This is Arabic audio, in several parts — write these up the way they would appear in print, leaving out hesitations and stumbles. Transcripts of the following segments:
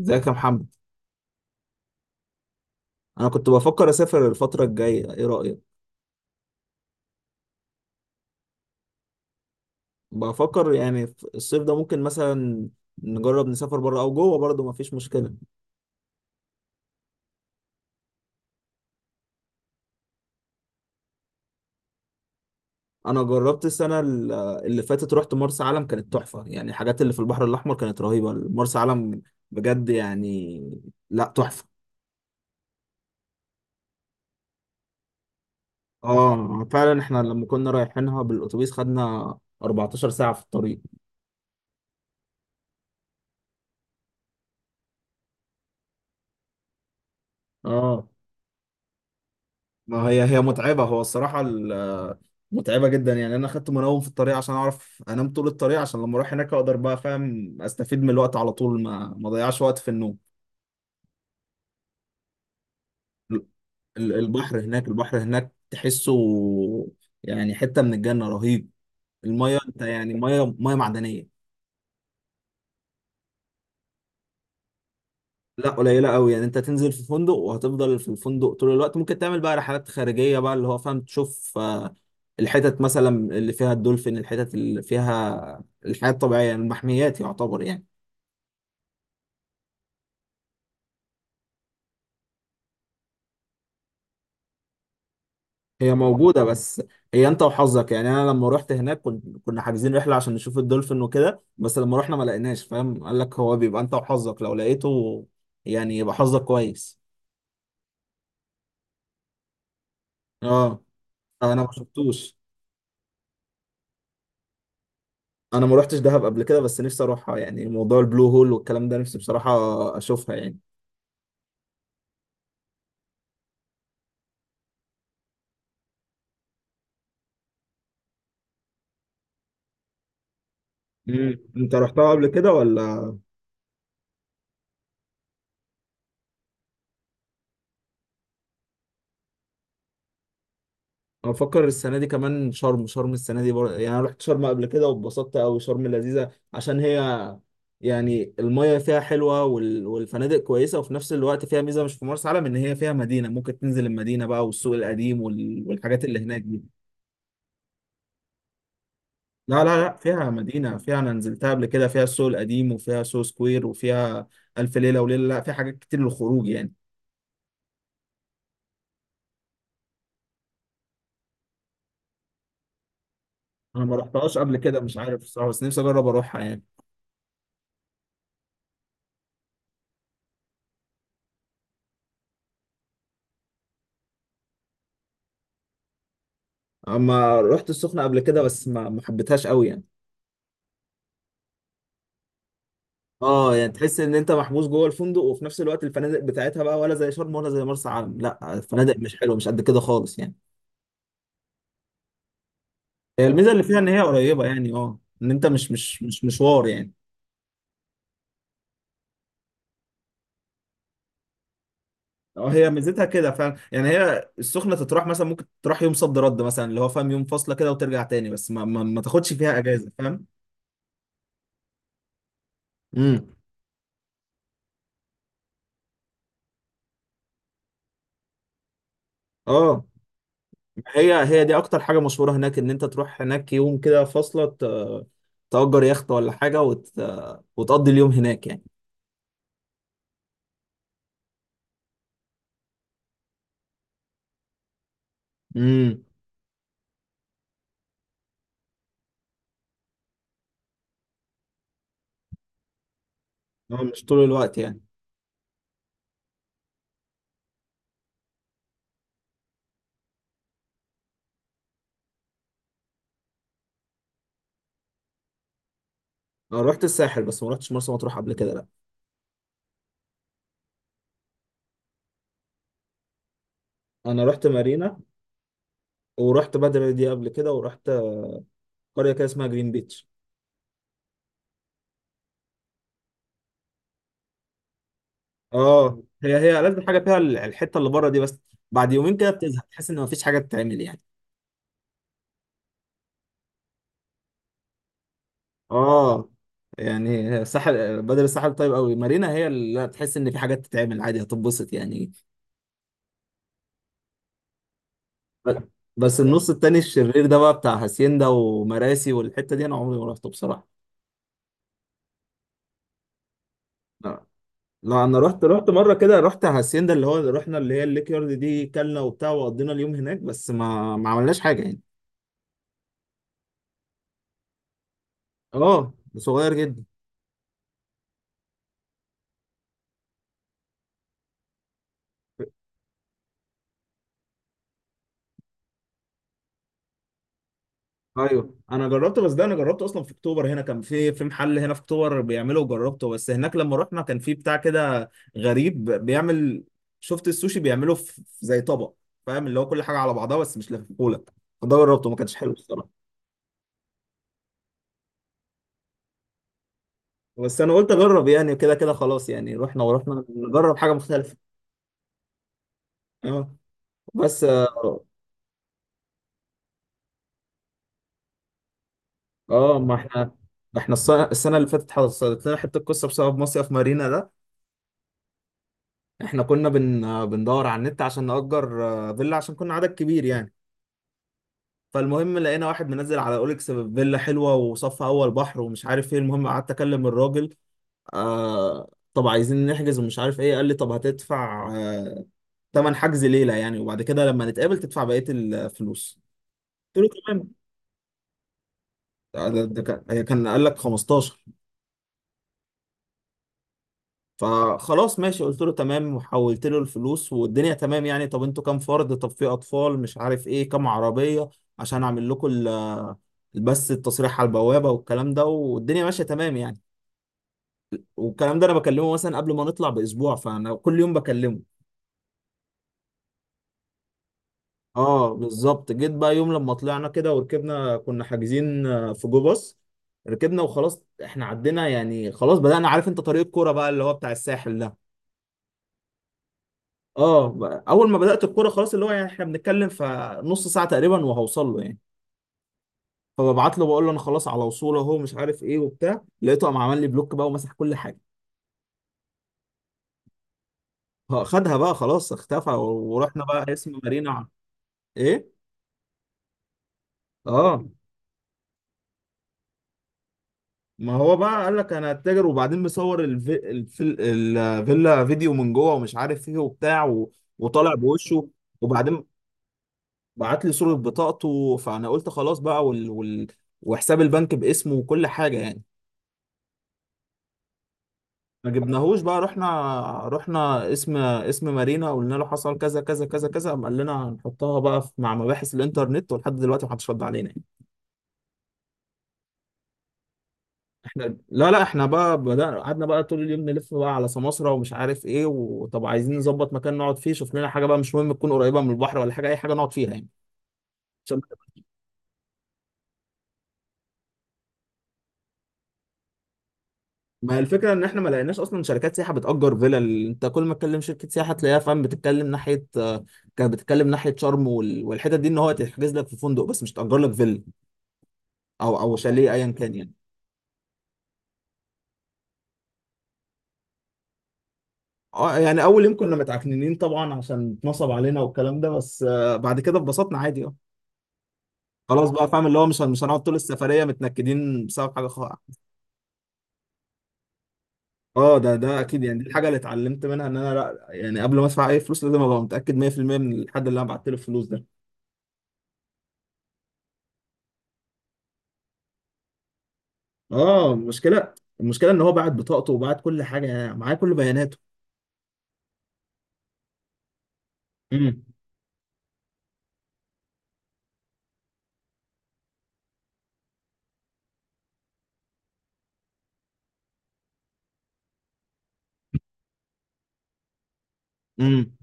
ازيك يا محمد؟ انا كنت بفكر اسافر الفتره الجايه، ايه رايك؟ بفكر يعني في الصيف ده ممكن مثلا نجرب نسافر بره او جوه، برضه مفيش مشكله. انا جربت السنه اللي فاتت، رحت مرسى علم. كانت تحفه يعني، الحاجات اللي في البحر الاحمر كانت رهيبه. مرسى علم بجد يعني. لا، تحفه. اه فعلا، احنا لما كنا رايحينها بالاتوبيس خدنا 14 ساعه في الطريق. اه، ما هي هي متعبه، هو الصراحه متعبه جدا يعني. انا اخدت منوم في الطريق عشان اعرف انام طول الطريق، عشان لما اروح هناك اقدر بقى فاهم استفيد من الوقت على طول ما اضيعش وقت في النوم. ال- البحر هناك، البحر هناك تحسه يعني حته من الجنه، رهيب. الميه، انت يعني ميه ميه معدنيه. لا، قليله قوي يعني. انت تنزل في فندق وهتفضل في الفندق طول الوقت. ممكن تعمل بقى رحلات خارجيه بقى، اللي هو فاهم، تشوف الحتت مثلا اللي فيها الدولفين، الحتت اللي فيها الحياه الطبيعيه، المحميات يعتبر يعني. هي موجودة بس. هي انت وحظك يعني، انا لما رحت هناك كنا حاجزين رحلة عشان نشوف الدولفين وكده، بس لما رحنا ما لقيناش. فاهم؟ قال لك هو بيبقى انت وحظك، لو لقيته يعني يبقى حظك كويس. اه، انا ما شفتوش. انا ما رحتش دهب قبل كده، بس نفسي اروحها يعني. موضوع البلو هول والكلام ده نفسي بصراحة اشوفها يعني. انت رحتها قبل كده ولا؟ انا بفكر السنه دي كمان، شرم شرم السنه دي يعني. انا رحت شرم قبل كده واتبسطت قوي. شرم لذيذه عشان هي يعني، المية فيها حلوة والفنادق كويسة. وفي نفس الوقت فيها ميزة مش في مرسى علم، إن هي فيها مدينة. ممكن تنزل المدينة بقى، والسوق القديم والحاجات اللي هناك دي. لا، لا، لا، فيها مدينة، فيها، أنا نزلتها قبل كده. فيها السوق القديم وفيها سو سكوير وفيها ألف ليلة وليلة. لا، فيها حاجات كتير للخروج يعني. أنا ما رحتهاش قبل كده، مش عارف الصراحة، بس نفسي أجرب أروحها يعني. أما رحت السخنة قبل كده بس ما حبيتهاش قوي يعني. اه، يعني تحس ان انت محبوس جوه الفندق، وفي نفس الوقت الفنادق بتاعتها بقى ولا زي شرم ولا زي مرسى علم. لا، الفنادق مش حلوه، مش قد كده خالص يعني. هي الميزه اللي فيها ان هي قريبه يعني. اه، ان انت مش مشوار يعني. اه، هي ميزتها كده فعلا يعني. هي السخنه تتراح مثلا، ممكن تروح يوم صد رد مثلا اللي هو فاهم، يوم فاصله كده وترجع تاني، بس ما تاخدش فيها اجازه، فاهم؟ امم اه، هي هي دي اكتر حاجه مشهوره هناك، ان انت تروح هناك يوم كده فاصله، تأجر يخت ولا حاجه وتقضي اليوم هناك يعني. امم اه، مش طول الوقت يعني. انا رحت الساحل بس ما رحتش مرسى مطروح قبل كده، لا. انا رحت مارينا، ورحت بدر دي قبل كده، ورحت قريه كده اسمها جرين بيتش. اه، هي هي لازم حاجه فيها الحته اللي بره دي، بس بعد يومين كده بتزهق، تحس ان مفيش حاجه تتعمل يعني. اه، يعني الساحل بدر الساحل طيب قوي. مارينا هي اللي تحس ان في حاجات تتعمل عادي، هتتبسط يعني. ب- بس النص التاني الشرير ده بقى، بتاع هاسيندا ومراسي والحته دي، انا عمري ما رحته بصراحه. لا، انا رحت مره كده، رحت هاسيندا اللي هو رحنا، اللي هي الليك يارد دي، كلنا وبتاع، وقضينا اليوم هناك، بس ما عملناش حاجه يعني. اه، صغير جدا. ايوه، انا جربت، بس ده انا جربته اصلا في اكتوبر هنا، كان في محل هنا في اكتوبر بيعمله وجربته، بس هناك لما رحنا كان في بتاع كده غريب بيعمل. شفت السوشي بيعمله في زي طبق، فاهم، اللي هو كل حاجه على بعضها بس مش لفيفولك، ده جربته ما كانش حلو الصراحه. بس انا قلت اجرب يعني كده كده، خلاص يعني، رحنا ورحنا نجرب حاجه مختلفه. اه، بس اه، ما احنا، ده احنا السنه اللي فاتت حصلت لنا حته قصه بسبب مصيف مارينا ده. احنا كنا بن آه، بندور على النت عشان نأجر فيلا، عشان كنا عدد كبير يعني. فالمهم لقينا واحد منزل على اوليكس فيلا حلوه، وصف اول بحر ومش عارف ايه، المهم قعدت اكلم الراجل. طب عايزين نحجز ومش عارف ايه، قال لي طب هتدفع تمن حجز ليله يعني، وبعد كده لما نتقابل تدفع بقيه الفلوس. قلت له تمام. ده كان هي كان قال لك 15. فخلاص ماشي، قلت له تمام وحولت له الفلوس والدنيا تمام يعني، طب انتوا كام فرد، طب في اطفال مش عارف ايه، كام عربية عشان اعمل لكم بس التصريح على البوابة والكلام ده، والدنيا ماشية تمام يعني. والكلام ده، انا بكلمه مثلا قبل ما نطلع باسبوع، فانا كل يوم بكلمه. اه، بالظبط. جيت بقى يوم لما طلعنا كده وركبنا، كنا حاجزين في جو باص. ركبنا وخلاص، احنا عدينا يعني، خلاص بدأنا، عارف انت طريق الكوره بقى اللي هو بتاع الساحل ده. اه، اول ما بدات الكوره خلاص، اللي هو يعني احنا بنتكلم في نص ساعه تقريبا وهوصل له يعني. فببعت له بقول له انا خلاص على وصول اهو، مش عارف ايه وبتاع، لقيته قام عمل لي بلوك بقى ومسح كل حاجه. اه، خدها بقى خلاص، اختفى ورحنا بقى اسم مارينا ايه. اه، ما هو بقى قال لك انا هتاجر، وبعدين مصور الفيلا فيديو من جوه ومش عارف ايه وبتاع وطالع بوشه. وبعدين بعت لي صوره بطاقته، فانا قلت خلاص بقى، وحساب البنك باسمه وكل حاجه يعني. ما جبناهوش بقى، رحنا، رحنا اسم مارينا قلنا له حصل كذا كذا كذا كذا، قام قال لنا هنحطها بقى مع مباحث الانترنت، ولحد دلوقتي محدش رد علينا يعني. لا، لا، احنا بقى بدأنا، قعدنا بقى طول اليوم نلف بقى على سماسرة ومش عارف ايه، وطب عايزين نظبط مكان نقعد فيه، شوف لنا حاجة بقى، مش مهم تكون قريبة من البحر ولا حاجة، اي حاجة نقعد فيها يعني، عشان ما هي الفكرة ان احنا ما لقيناش اصلا شركات سياحة بتأجر فيلل. انت كل ما تكلم شركة سياحة تلاقيها فاهم بتتكلم ناحية كانت بتتكلم ناحية شرم والحتت دي، ان هو تحجز لك في فندق بس مش تأجر لك فيلا او شاليه ايا كان يعني. اه، يعني اول يوم كنا متعكننين طبعا عشان اتنصب علينا والكلام ده، بس بعد كده اتبسطنا عادي، اه. خلاص بقى فاهم اللي هو مش هنقعد طول السفريه متنكدين بسبب حاجه خاطئه. اه، ده اكيد يعني، دي الحاجه اللي اتعلمت منها، ان انا لا يعني قبل ما ادفع اي فلوس لازم ابقى متاكد 100% من الحد اللي انا بعت له الفلوس ده. اه، المشكله المشكله ان هو بعت بطاقته وبعت كل حاجه يعني، معاه كل بياناته. امم امم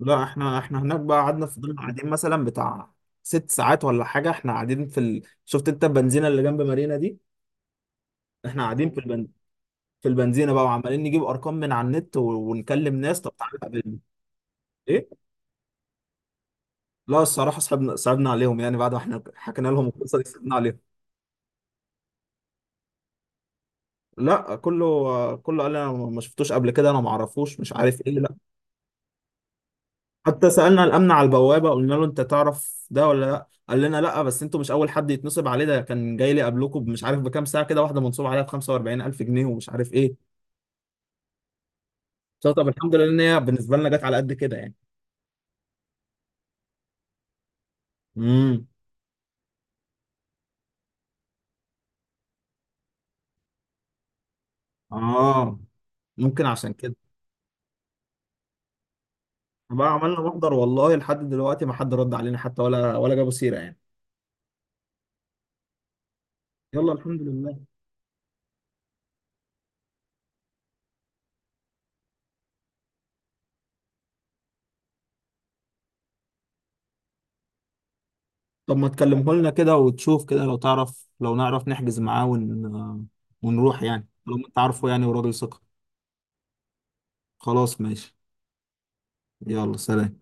لا، احنا هناك بقى قعدنا، فضلنا قاعدين مثلا بتاع ست ساعات ولا حاجه، احنا قاعدين. شفت انت البنزينه اللي جنب مارينا دي، احنا قاعدين في البنزينه بقى، وعمالين نجيب ارقام من على النت ونكلم ناس، طب تعالى قابلنا ايه. لا، الصراحه صعبنا صعبنا عليهم يعني، بعد ما احنا حكينا لهم القصه دي صعبنا عليهم. لا، كله كله قال لي انا ما شفتوش قبل كده، انا ما اعرفوش، مش عارف ايه، لا. حتى سألنا الأمن على البوابة قلنا له: أنت تعرف ده ولا لأ؟ قال لنا لأ، بس أنتوا مش أول حد يتنصب عليه، ده كان جاي لي قبلكم مش عارف بكام ساعة كده، واحدة منصوب عليها ب 45000 جنيه ومش عارف إيه. قلت له طب الحمد لله إن هي بالنسبة لنا جت على قد كده يعني. امم آه ممكن عشان كده. بقى عملنا محضر، والله لحد دلوقتي ما حد رد علينا، حتى ولا جابوا سيرة يعني. يلا الحمد لله. طب ما تكلمه لنا كده وتشوف كده، لو تعرف، لو نعرف نحجز معاه ونروح يعني، لو أنت عارفه يعني وراجل ثقة. خلاص ماشي. يلا، سلام.